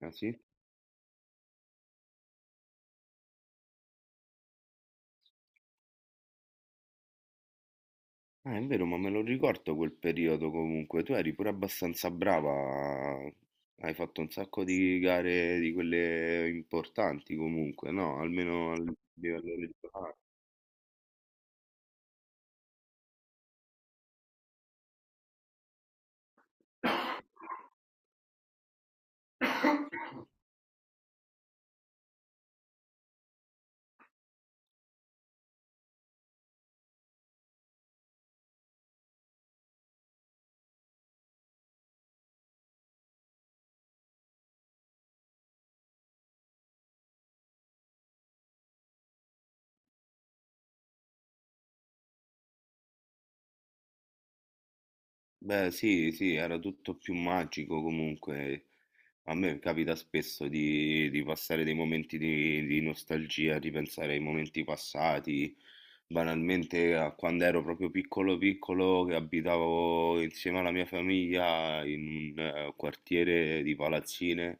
Ah sì? Ah, è vero, ma me lo ricordo quel periodo comunque. Tu eri pure abbastanza brava. Hai fatto un sacco di gare di quelle importanti comunque, no? Almeno a livello regionale. Beh, sì, sì, era tutto più magico comunque. A me capita spesso di passare dei momenti di nostalgia, di pensare ai momenti passati, banalmente a quando ero proprio piccolo piccolo che abitavo insieme alla mia famiglia in un quartiere di palazzine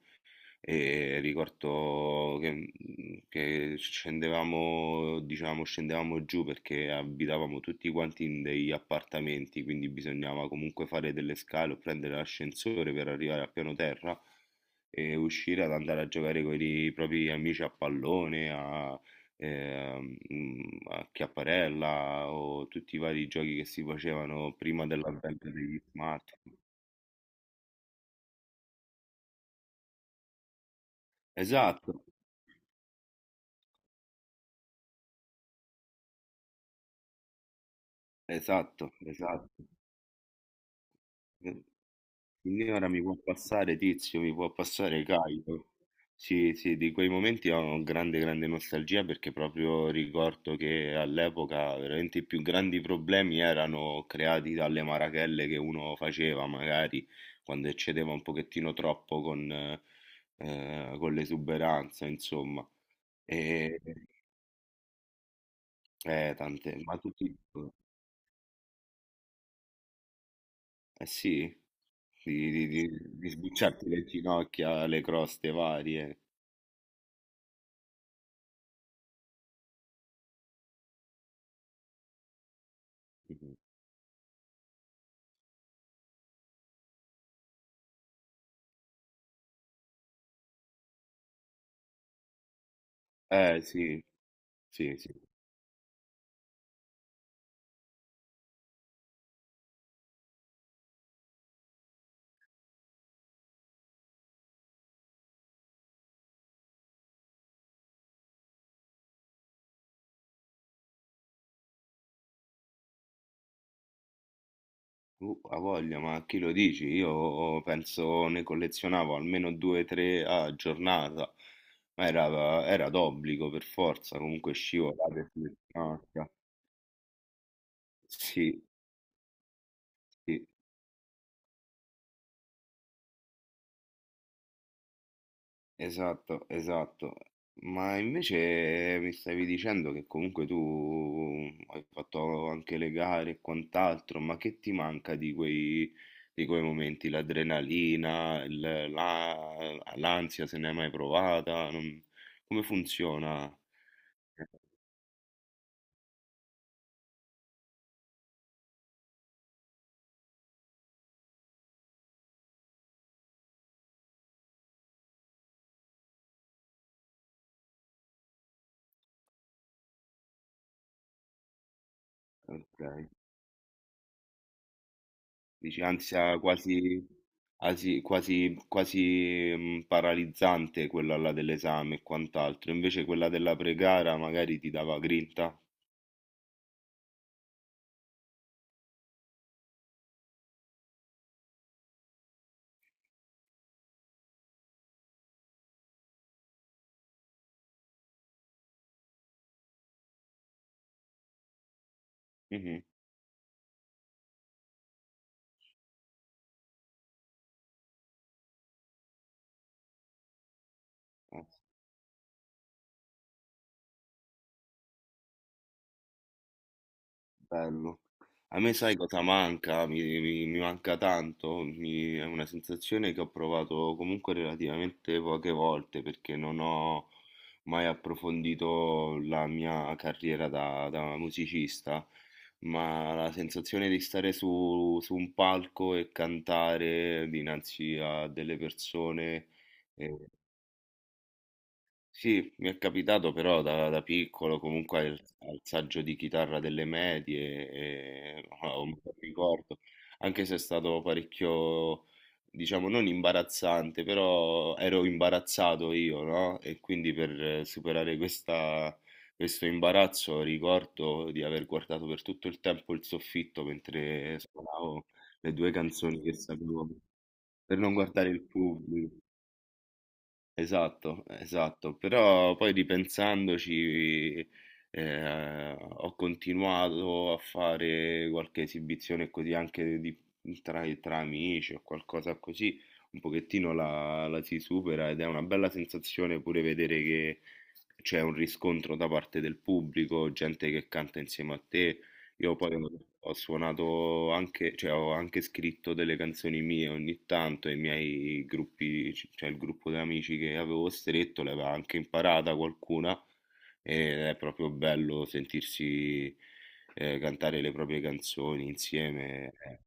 e ricordo che che scendevamo, diciamo, scendevamo giù perché abitavamo tutti quanti in degli appartamenti, quindi bisognava comunque fare delle scale o prendere l'ascensore per arrivare al piano terra e uscire ad andare a giocare con i propri amici a pallone, a, ehm, mm, a chiapparella o tutti i vari giochi che si facevano prima dell'avvento degli smartphone. Esatto, esatto, esatto. Signora, mi può passare Tizio, mi può passare Caio. Sì, sì, di quei momenti ho grande, grande nostalgia perché proprio ricordo che all'epoca veramente i più grandi problemi erano creati dalle marachelle che uno faceva, magari quando eccedeva un pochettino troppo con l'esuberanza, insomma. E, tante, ma tutti... Eh sì, di di sbucciarti le ginocchia, le croste varie. Eh sì, sì, sì, uh, ha voglia, ma chi lo dici? Io oh, penso ne collezionavo almeno due o tre a giornata, ma era d'obbligo per forza, comunque scivolate sulle ginocchia. Sì, sì, esatto, esatto. Ma invece mi stavi dicendo che comunque tu hai fatto anche le gare e quant'altro, ma che ti manca di quei momenti? L'adrenalina, il- la- l'ansia, se ne hai mai provata? Non- come funziona? Eh, Ok. Dici ansia quasi, asi- quasi, paralizzante quella là dell'esame e quant'altro, invece quella della pregara magari ti dava grinta? Mh-mh. Ah, bello. A me sai cosa manca? Mi manca tanto, mi è una sensazione che ho provato comunque relativamente poche volte perché non ho mai approfondito la mia carriera da musicista, ma la sensazione di stare su un palco e cantare dinanzi a delle persone, ehm sì, mi è capitato però da piccolo comunque al, al saggio di chitarra delle medie, e, ho un bel ricordo, anche se è stato parecchio, diciamo, non imbarazzante, però ero imbarazzato io, no? E quindi per superare questa- questo imbarazzo ricordo di aver guardato per tutto il tempo il soffitto mentre suonavo le due canzoni che sapevo, per non guardare il pubblico. Esatto, esatto, però poi ripensandoci, ho continuato a fare qualche esibizione così anche di- tra, tra amici o qualcosa così, un pochettino la, la si supera ed è una bella sensazione pure vedere che c'è un riscontro da parte del pubblico, gente che canta insieme a te, io poi ho suonato anche, cioè ho anche scritto delle canzoni mie ogni tanto, e i miei gruppi, c- cioè il gruppo di amici che avevo stretto, l'aveva anche imparata qualcuna, ed è proprio bello sentirsi cantare le proprie canzoni insieme. Eh.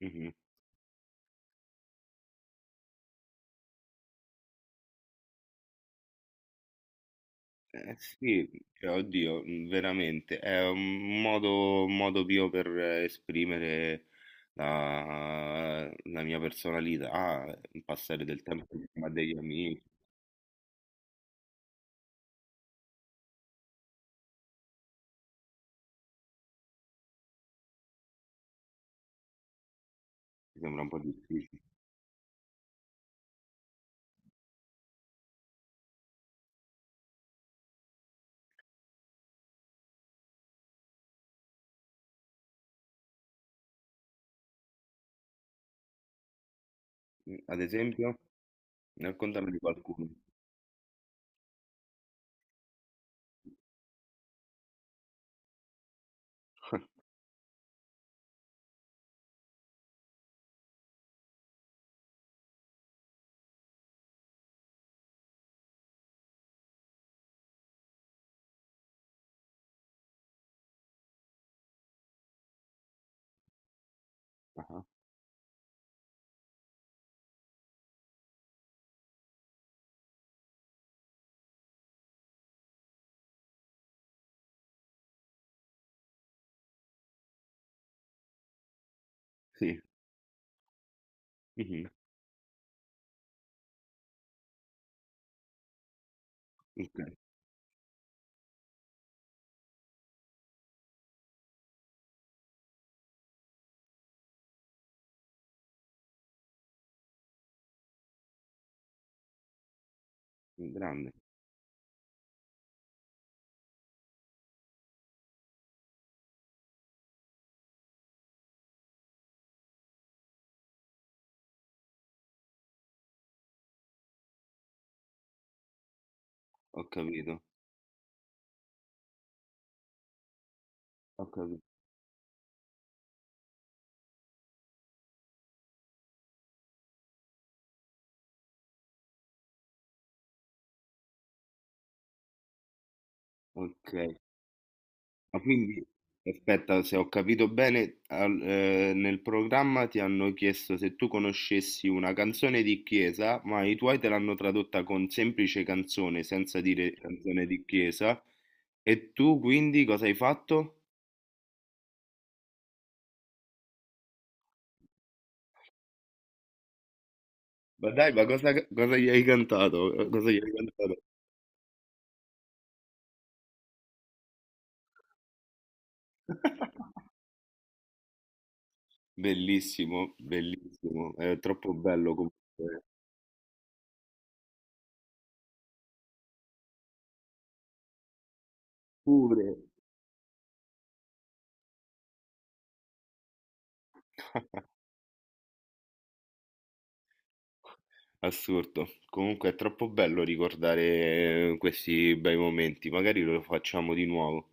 Mhm. Sì, cioè, oddio, veramente, è un modo mio per esprimere la mia personalità, passare del tempo insieme a degli amici, mi sembra un po' difficile. Mm, ad esempio, raccontami di qualcuno. Ah, sì, mhm, ok, grande, ho capito, ho capito, ok. Ma quindi, aspetta, se ho capito bene, al- nel programma ti hanno chiesto se tu conoscessi una canzone di chiesa, ma i tuoi te l'hanno tradotta con semplice canzone, senza dire canzone di chiesa, e tu quindi cosa hai fatto? Ma dai, ma cosa, cosa gli hai cantato? Cosa gli hai cantato? Bellissimo, bellissimo, è troppo bello comunque. Pure. Assurdo. Comunque è troppo bello ricordare questi bei momenti, magari lo facciamo di nuovo.